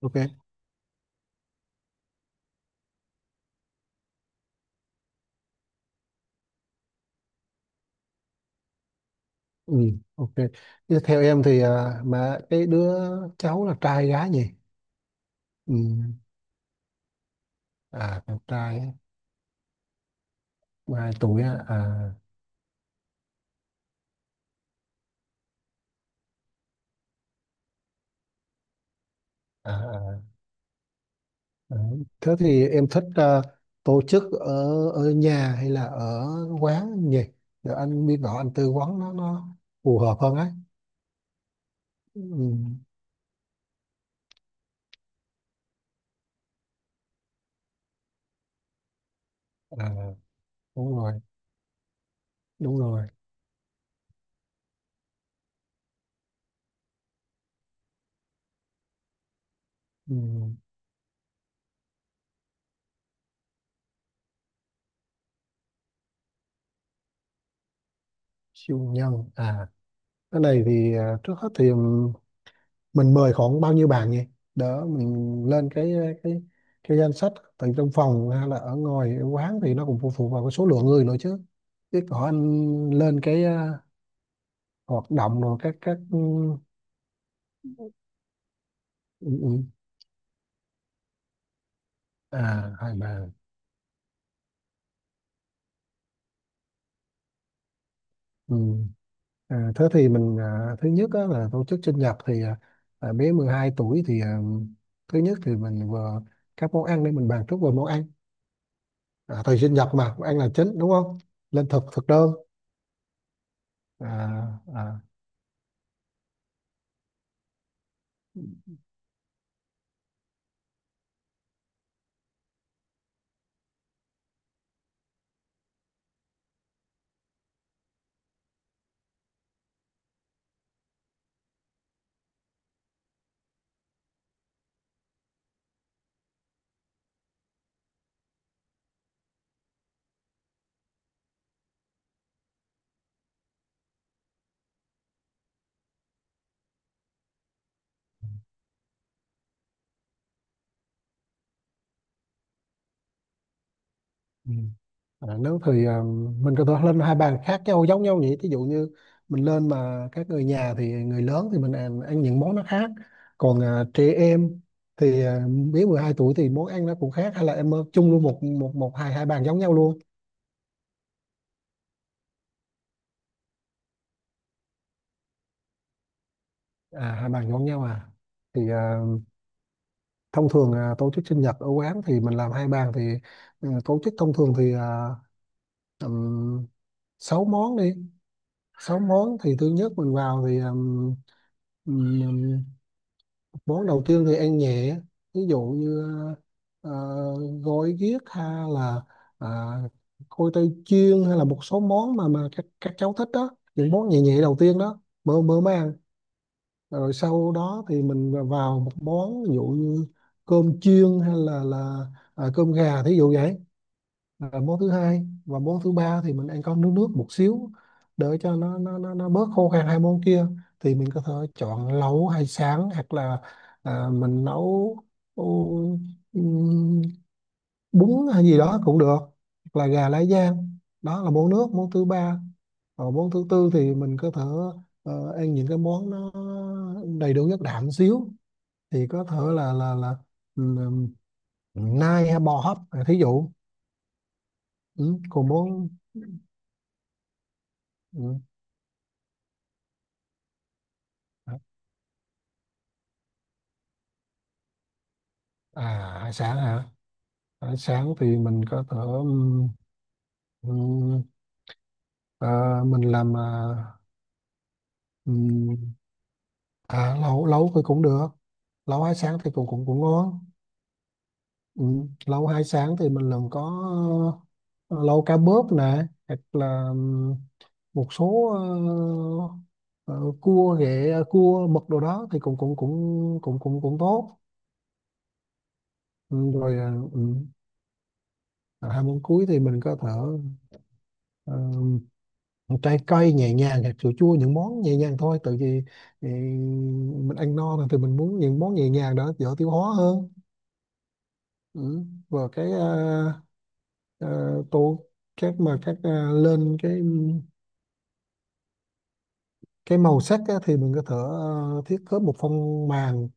Ok. Ừ, ok. Thế theo em thì mà cái đứa cháu là trai gái nhỉ? Ừ. À, con trai á, 12 tuổi á. À, à, à, à. Thế thì em thích tổ chức ở ở nhà hay là ở quán nhỉ, để anh biết rõ anh tư vấn nó phù hợp hơn ấy. Ừ. à, Đúng rồi, đúng rồi. Ừ. Siêu nhân à? Cái này thì trước hết thì mình mời khoảng bao nhiêu bạn nhỉ, đỡ mình lên cái cái danh sách, từ trong phòng hay là ở ngoài ở quán thì nó cũng phụ thuộc vào cái số lượng người nữa chứ. Chứ có anh lên cái hoạt động rồi các ừ, ừ. À, hai bạn. Ừ. Thế thì mình thứ nhất á, là tổ chức sinh nhật thì bé 12 tuổi thì thứ nhất thì mình vừa các món ăn, để mình bàn trước về món ăn. Thời sinh nhật mà món ăn là chính đúng không, lên thực thực đơn. À, à. Ừ. Nếu thì mình có thể lên hai bàn khác nhau giống nhau nhỉ, ví dụ như mình lên mà các người nhà thì người lớn thì mình ăn những món nó khác, còn trẻ em thì dưới 12 tuổi thì món ăn nó cũng khác, hay là em chung luôn một một một hai hai bàn giống nhau luôn? À, hai bàn giống nhau à? Thì thông thường tổ chức sinh nhật ở quán thì mình làm hai bàn thì ừ, tổ chức thông thường thì tầm 6 món đi. Sáu món thì thứ nhất mình vào thì um, món đầu tiên thì ăn nhẹ, ví dụ như ờ, gói ghiếc hay là à, khoai tây chiên, hay là một số món mà các cháu thích đó, những món nhẹ nhẹ đầu tiên đó mơ mơ mới ăn. Rồi sau đó thì mình vào một món, ví dụ như cơm chiên hay là cơm gà thí dụ vậy. Ờ, môn thứ hai và môn thứ ba thì mình ăn có nước nước một xíu, để cho nó bớt khô khan hai môn kia. Thì mình có thể chọn lẩu hay sáng, hoặc là mình nấu ừ, ừm, bún hay gì đó cũng được, hoặc là gà lá giang, đó là môn nước, môn thứ ba. Còn môn thứ tư thì mình có thể ăn những cái món nó đầy đủ chất đạm xíu, thì có thể là là ừm, nai hay bò hấp à, thí dụ. Ừ, còn món ừ. À, hải sản hả? Hải sản thì mình có thể ừm, mình làm ừm, lẩu lẩu thì cũng được. Lẩu hải sản thì cũng cũng cũng ngon. Lẩu hải sản thì mình làm có ờ, lẩu cá bớp nè, hoặc là một số ờ, cua ghẹ, cua mực đồ đó thì cũng cũng cũng cũng cũng cũng tốt. Rồi ừm, hai món cuối thì mình có thể trái cây nhẹ nhàng, hạt sữa chua, những món nhẹ nhàng thôi, tại vì ừ, mình ăn no rồi thì mình muốn những món nhẹ nhàng đó dễ tiêu hóa hơn. Ừ. Và cái tô các mà các lên cái màu sắc á, thì mình có thể thiết kế một phong màn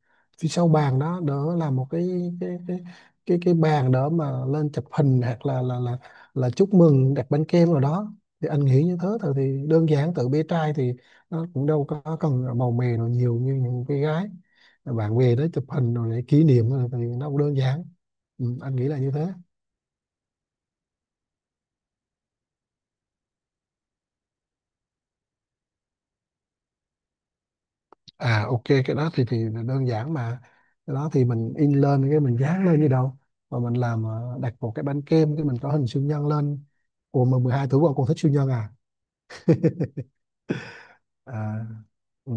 phía sau bàn đó, đỡ làm một cái cái cái cái bàn đỡ mà lên chụp hình, hoặc là là chúc mừng đặt bánh kem rồi đó. Thì anh nghĩ như thế thôi thì đơn giản, tự bé trai thì nó cũng đâu có cần màu mè nào nhiều như những cái gái, bạn về đó chụp hình rồi để kỷ niệm, rồi thì nó cũng đơn giản. Ừ, anh nghĩ là như thế. À ok, cái đó thì đơn giản mà. Cái đó thì mình in lên cái mình dán lên như đâu, mà mình làm đặt một cái bánh kem cái mình có hình siêu nhân lên. Ủa mà 12 tuổi qua con thích siêu nhân à? À, ừ.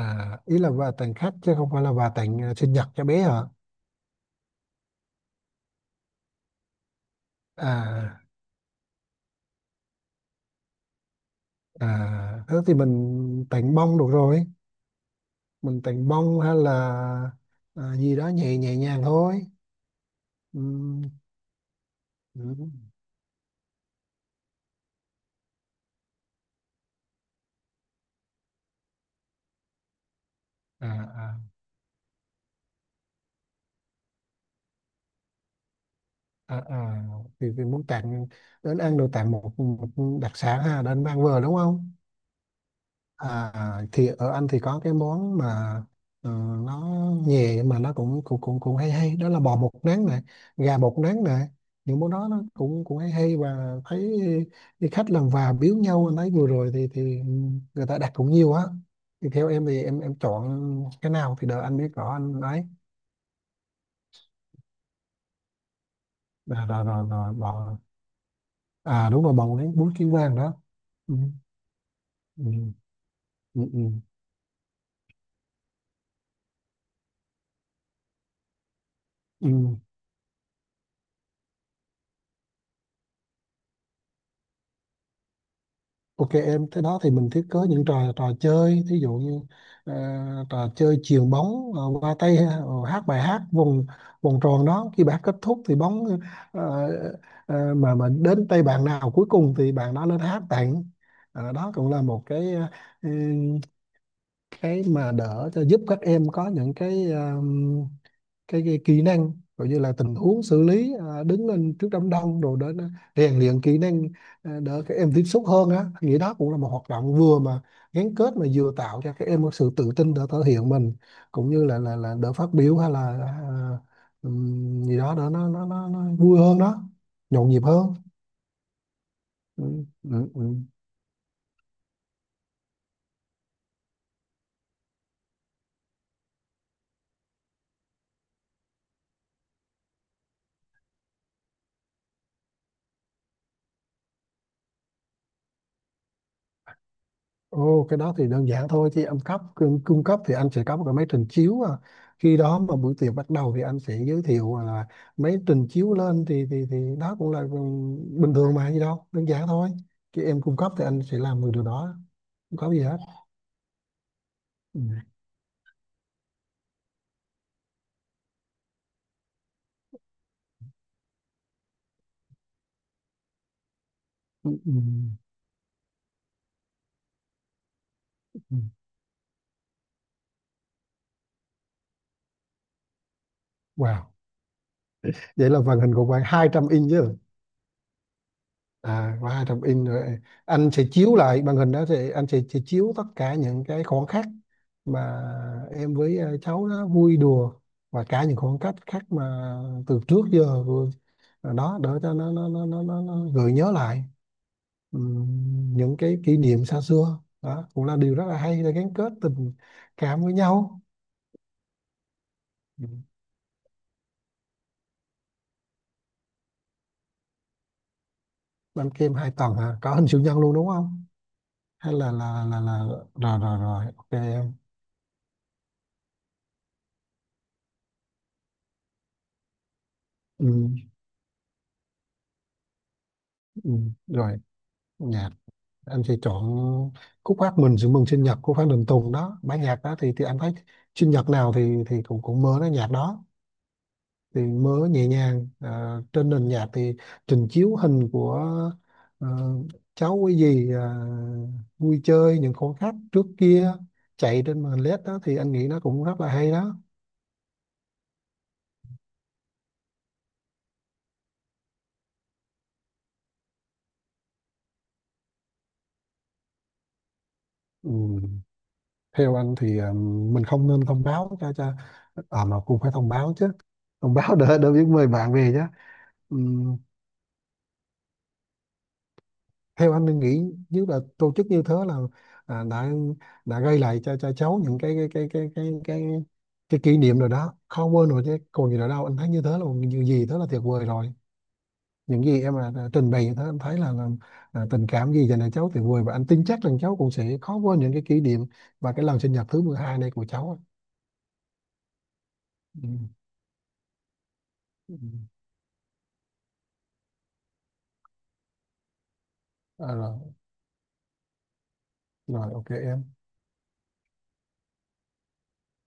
À, ý là quà tặng khách chứ không phải là quà tặng sinh nhật cho bé hả? À, à, thế thì mình tặng bông được rồi. Mình tặng bông hay là gì đó nhẹ nhẹ nhàng thôi. Ừ, ừ. À, à. À, à, thì muốn tặng đến ăn đồ, tặng một đặc sản ha đến mang vừa đúng không? À, thì ở anh thì có cái món mà ờ, nó nhẹ mà nó cũng cũng cũng cũng hay hay, đó là bò bột nắng này, gà bột nắng này. Những món đó nó cũng cũng hay hay và thấy đi khách lần vào biếu nhau, anh thấy vừa rồi thì người ta đặt cũng nhiều á. Thì theo em thì em chọn cái nào thì đợi anh biết rõ anh ấy. Rồi, bò, à đúng rồi bò bột nén bún kim vàng đó. Ừ. Ừ. Ừ, ừ, ừ. Ok em, thế đó thì mình thiết kế những trò trò chơi, thí dụ như ờ, trò chơi chuyền bóng qua tay, hát bài hát vòng vòng tròn đó, khi bài hát kết thúc thì bóng ờ, mà đến tay bạn nào cuối cùng thì bạn đó lên hát tặng. Ờ, đó cũng là một cái ờ, cái mà đỡ cho giúp các em có những cái cái kỹ năng, gọi như là tình huống xử lý à, đứng lên trước đám đông rồi đến rèn luyện kỹ năng, đỡ các em tiếp xúc hơn á. Anh nghĩ đó cũng là một hoạt động vừa mà gắn kết mà vừa tạo cho các em một sự tự tin để thể hiện mình, cũng như là đỡ phát biểu hay là gì đó đỡ nó vui hơn đó, nhộn nhịp hơn. ừ, ừ, ừ. Ồ, cái đó thì đơn giản thôi chứ anh cung cấp thì anh sẽ có một cái máy trình chiếu à. Khi đó mà buổi tiệc bắt đầu thì anh sẽ giới thiệu là máy trình chiếu lên thì thì đó cũng là bình thường mà gì đâu đơn giản thôi, chứ em cung cấp thì anh sẽ làm được điều đó, không có gì hết. Ừ. Ừ. Ừ. Wow, vậy là màn hình của bạn 200 inch chứ? À, qua hai tập in rồi, anh sẽ chiếu lại màn hình đó thì anh sẽ chiếu tất cả những cái khoảnh khắc mà em với cháu đó vui đùa, và cả những khoảng cách khác mà từ trước giờ vừa- đó, để cho nó gợi nhớ lại. Những cái kỷ niệm xa xưa đó cũng là điều rất là hay để gắn kết tình cảm với nhau. Ừm, bánh kem hai tầng hả, có hình siêu nhân luôn đúng không? Hay là là rồi rồi rồi ok em. Ừm, Rồi, dạ anh sẽ chọn khúc hát mình sự mừng sinh nhật của Phan Đình Tùng đó, bản nhạc đó thì anh thấy sinh nhật nào thì cũng cũng mơ nó nhạc đó, thì mơ nhẹ nhàng. Ờ, trên nền nhạc thì trình chiếu hình của ờ, cháu, cái gì vui chơi những khoảnh khắc trước kia chạy trên màn LED đó, thì anh nghĩ nó cũng rất là hay đó. Ừ. Theo anh thì mình không nên thông báo cho à mà cũng phải thông báo chứ, thông báo để biết mời bạn về chứ. Ừ. Theo anh nên nghĩ, nếu là tổ chức như thế là đã gây lại cho cháu những cái kỷ niệm rồi đó, khó quên rồi chứ còn gì nữa đâu. Anh thấy như thế là một điều gì thế là tuyệt vời rồi. Những gì em đã trình bày như thế, anh thấy là tình cảm gì dành cho cháu tuyệt vời, và anh tin chắc rằng cháu cũng sẽ khó quên những cái kỷ niệm và cái lần sinh nhật thứ 12 này của cháu. Ừ. Ừ. À, rồi, ok em.